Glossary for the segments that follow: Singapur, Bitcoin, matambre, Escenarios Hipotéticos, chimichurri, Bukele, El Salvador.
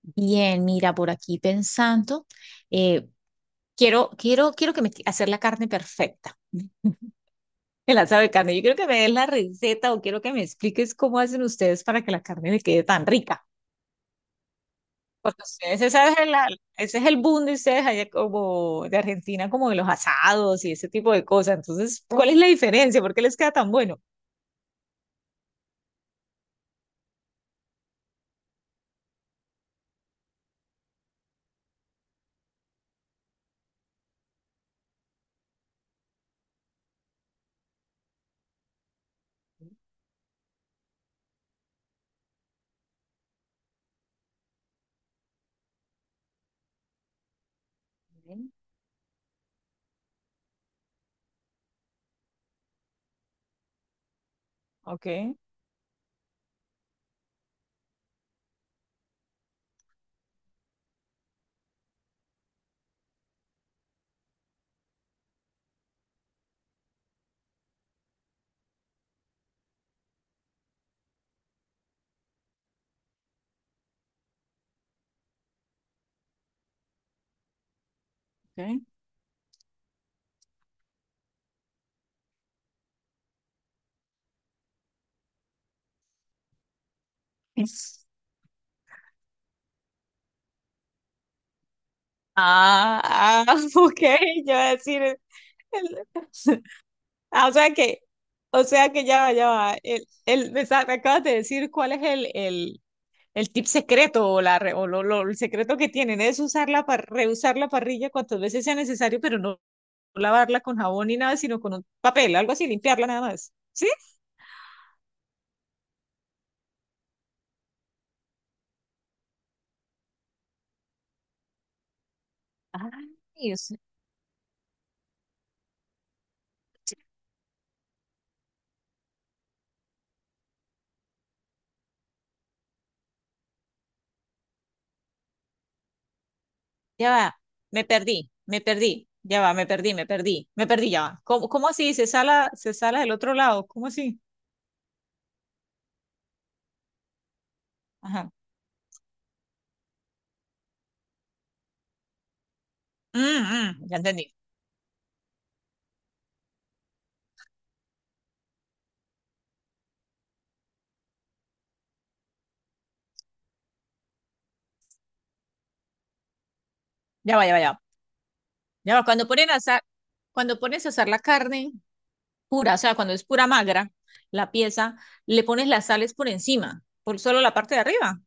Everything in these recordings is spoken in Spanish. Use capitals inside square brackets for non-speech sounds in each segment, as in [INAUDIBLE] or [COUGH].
Bien, mira, por aquí pensando, eh, quiero que me hacer la carne perfecta, [LAUGHS] el asado de carne. Yo quiero que me des la receta o quiero que me expliques cómo hacen ustedes para que la carne me quede tan rica. Porque ustedes, ese es el boom de ustedes allá como de Argentina, como de los asados y ese tipo de cosas. Entonces, ¿cuál es la diferencia? ¿Por qué les queda tan bueno? Okay. ¿Ok? Ah, ah, [LAUGHS] ok, yo iba a decir. el- [LAUGHS] ah, o sea que ya va, me acabas de decir cuál es el tip secreto o el secreto que tienen es reusar la parrilla cuantas veces sea necesario, pero no lavarla con jabón ni nada, sino con un papel, algo así, limpiarla nada más, ¿sí? Ay, Dios. Ya va, me perdí, ya va, me perdí, me perdí, me perdí, ya va. ¿Cómo así? ¿Se sala del otro lado? ¿Cómo así? Ajá. Mm, mm, ya entendí. Ya va, ya va, ya va. Ya va. Cuando pones a asar la carne pura, o sea, cuando es pura magra, la pieza, le pones las sales por encima, por solo la parte de arriba.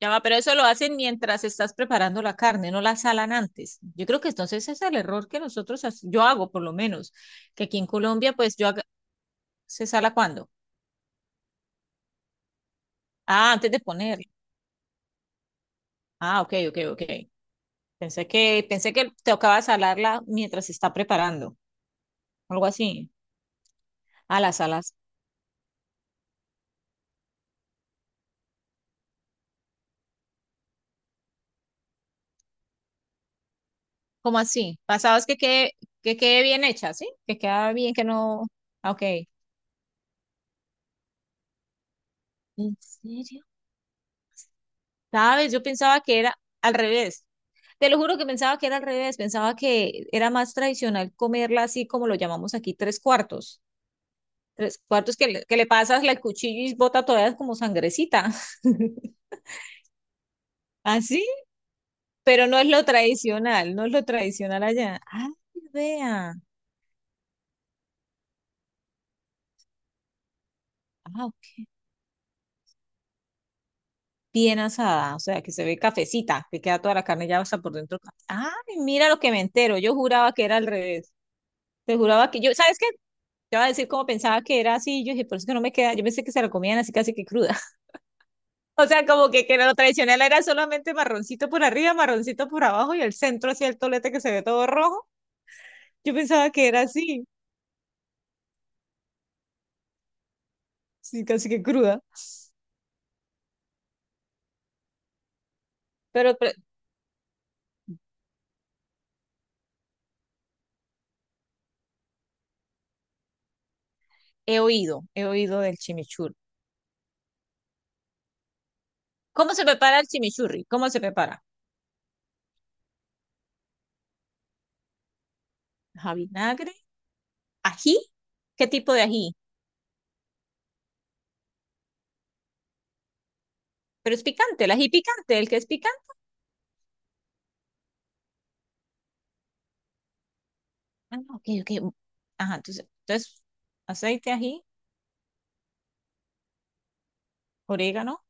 Ya va, pero eso lo hacen mientras estás preparando la carne, no la salan antes. Yo creo que entonces ese es el error que yo hago por lo menos, que aquí en Colombia, pues se sala cuando. Ah, antes de poner. Ah, ok, ok, ok. Pensé que tocaba salarla mientras se está preparando. Algo así. Ah, las salas. ¿Cómo así? Pasabas que quede, bien hecha, ¿sí? Que queda bien, que no. Ah, ok. ¿En serio? ¿Sabes? Yo pensaba que era al revés. Te lo juro que pensaba que era al revés. Pensaba que era más tradicional comerla así como lo llamamos aquí, tres cuartos. Tres cuartos, que le pasas el cuchillo y bota todavía como sangrecita. [LAUGHS] ¿Así? Pero no es lo tradicional, no es lo tradicional allá. Ah, vea. Ah, ok. Bien asada, o sea, que se ve cafecita, que queda toda la carne ya hasta por dentro. Ay, mira lo que me entero. Yo juraba que era al revés. Te juraba que yo, ¿sabes qué? Te iba a decir como pensaba que era así, yo dije, por eso que no me queda, yo pensé que se la comían así casi que cruda. [LAUGHS] O sea, como que lo tradicional era solamente marroncito por arriba, marroncito por abajo y el centro así el tolete que se ve todo rojo. Yo pensaba que era así, sí, casi que cruda. Pero he oído del chimichurri. ¿Cómo se prepara el chimichurri? ¿Cómo se prepara? Ajá, vinagre, ají. ¿Qué tipo de ají? Pero es picante, el ají picante, el que es picante. Ah, no, ok, ok. Ajá, entonces aceite, ají, orégano.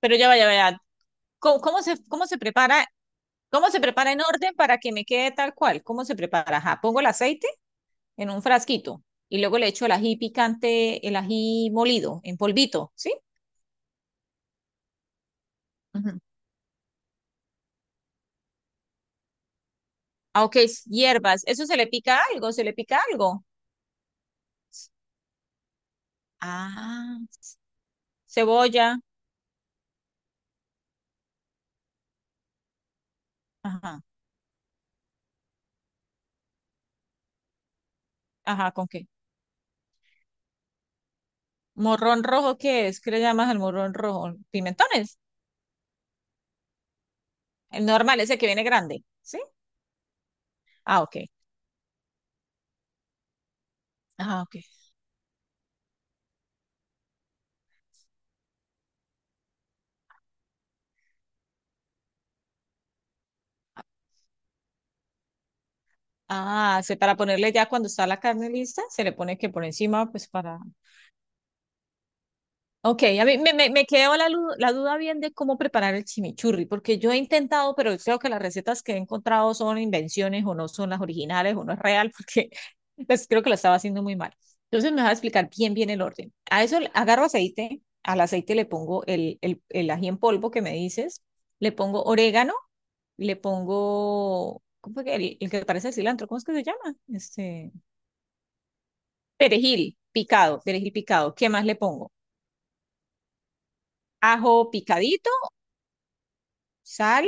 Pero ya vaya, vaya. ¿Cómo se prepara? ¿Cómo se prepara en orden para que me quede tal cual? ¿Cómo se prepara? Ajá, pongo el aceite en un frasquito y luego le echo el ají picante, el ají molido, en polvito, ¿sí? Ujú. Ah, ok, hierbas. ¿Eso se le pica algo? ¿Se le pica algo? Ah, cebolla, ajá, ajá, ¿con qué? Morrón rojo, ¿qué es? ¿Qué le llamas al morrón rojo? Pimentones, el normal, ese que viene grande, ¿sí? Ah, ok, ah, ok. Ah, para ponerle ya cuando está la carne lista, se le pone que por encima, pues, para. Ok, a mí me quedó la duda bien de cómo preparar el chimichurri, porque yo he intentado, pero creo que las recetas que he encontrado son invenciones o no son las originales o no es real, porque [LAUGHS] pues, creo que lo estaba haciendo muy mal. Entonces me vas a explicar bien, bien el orden. Agarro aceite, al aceite le pongo el ají en polvo que me dices, le pongo orégano, le pongo, ¿cómo fue que el que parece cilantro? ¿Cómo es que se llama? Este, perejil picado, perejil picado. ¿Qué más le pongo? Ajo picadito, sal.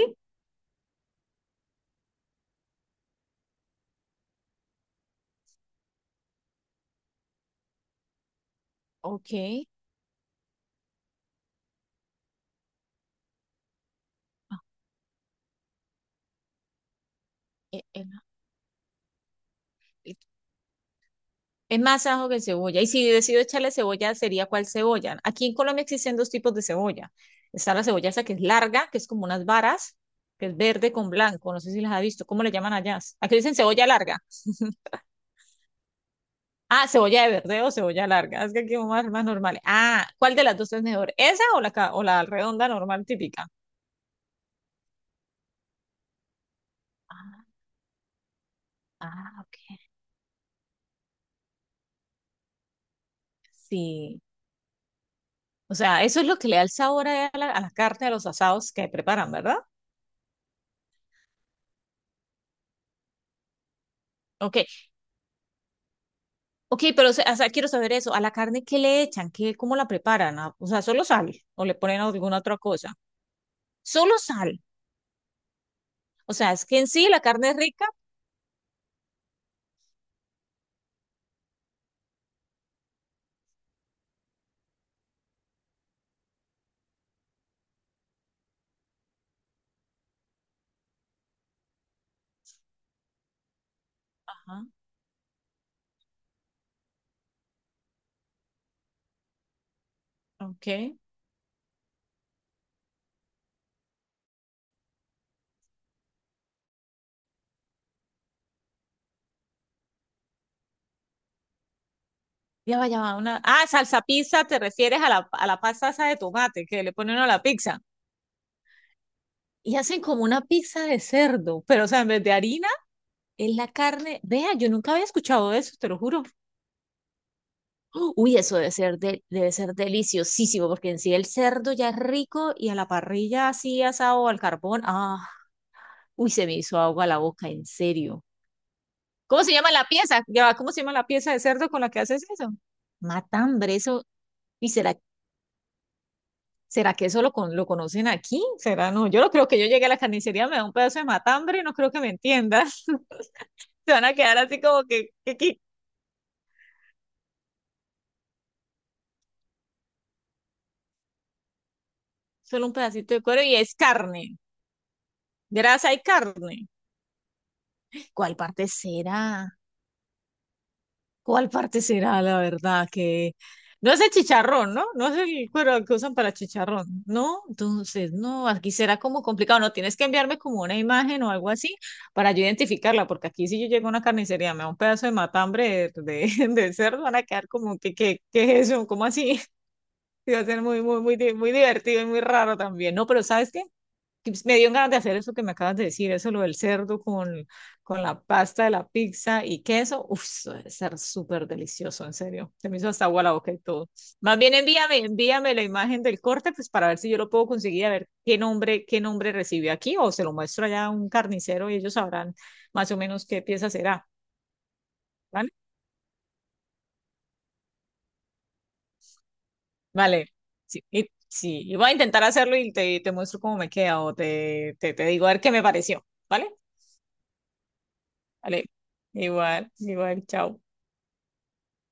Ok. Ah, e- Es, más es más ajo que cebolla. Y si decido echarle cebolla, ¿sería cuál cebolla? Aquí en Colombia existen dos tipos de cebolla. Está la cebolla esa que es larga, que es como unas varas, que es verde con blanco. No sé si las ha visto. ¿Cómo le llaman allá? Aquí dicen cebolla larga. [LAUGHS] Ah, cebolla de verde o cebolla larga. Es que aquí más normal. Ah, ¿cuál de las dos es mejor? ¿Esa o o la redonda normal típica? Ah, ah, ok. Sí. O sea, eso es lo que le da el sabor a la, carne, a los asados que preparan, ¿verdad? Ok, ok, pero o sea, quiero saber eso. ¿A la carne qué le echan? ¿Cómo la preparan? Ah, o sea, solo sal o le ponen alguna otra cosa. Solo sal. O sea, es que en sí la carne es rica. Ajá, ok. Ya va, ya va. Ah, salsa pizza, te refieres a la pasta esa de tomate que le ponen a la pizza. Y hacen como una pizza de cerdo, pero o sea, en vez de harina, es la carne. Vea, yo nunca había escuchado eso, te lo juro. ¡Oh! Uy, eso debe ser deliciosísimo, porque en sí el cerdo ya es rico y a la parrilla así asado al carbón. Ah, uy, se me hizo agua la boca, en serio. ¿Cómo se llama la pieza? Ya va, ¿cómo se llama la pieza de cerdo con la que haces eso? Matambre, eso. ¿Y será que eso lo conocen aquí? ¿Será, no? Yo no creo que yo llegue a la carnicería, me da un pedazo de matambre y no creo que me entiendas. [LAUGHS] Se van a quedar así como que solo un pedacito de cuero y es carne. Grasa y carne. ¿Cuál parte será? ¿Cuál parte será la verdad? Que no es el chicharrón, ¿no? No es el cuero que usan para chicharrón, ¿no? Entonces, no, aquí será como complicado, no tienes que enviarme como una imagen o algo así para yo identificarla, porque aquí si yo llego a una carnicería, me da un pedazo de matambre de, [LAUGHS] de cerdo, van a quedar como que qué es eso? ¿Cómo así? [LAUGHS] Y va a ser muy muy muy muy divertido y muy raro también. No, pero ¿sabes qué? Que pues, me dio ganas de hacer eso que me acabas de decir, eso lo del cerdo con la pasta de la pizza y queso. Uf, eso debe ser súper delicioso, en serio. Se me hizo hasta agua la boca y todo. Más bien envíame, la imagen del corte, pues para ver si yo lo puedo conseguir, a ver qué nombre recibió aquí, o se lo muestro allá a un carnicero y ellos sabrán más o menos qué pieza será. ¿Vale? Vale. Sí, y voy a intentar hacerlo y te muestro cómo me queda o te digo a ver qué me pareció. ¿Vale? Vale. Igual, igual, chao.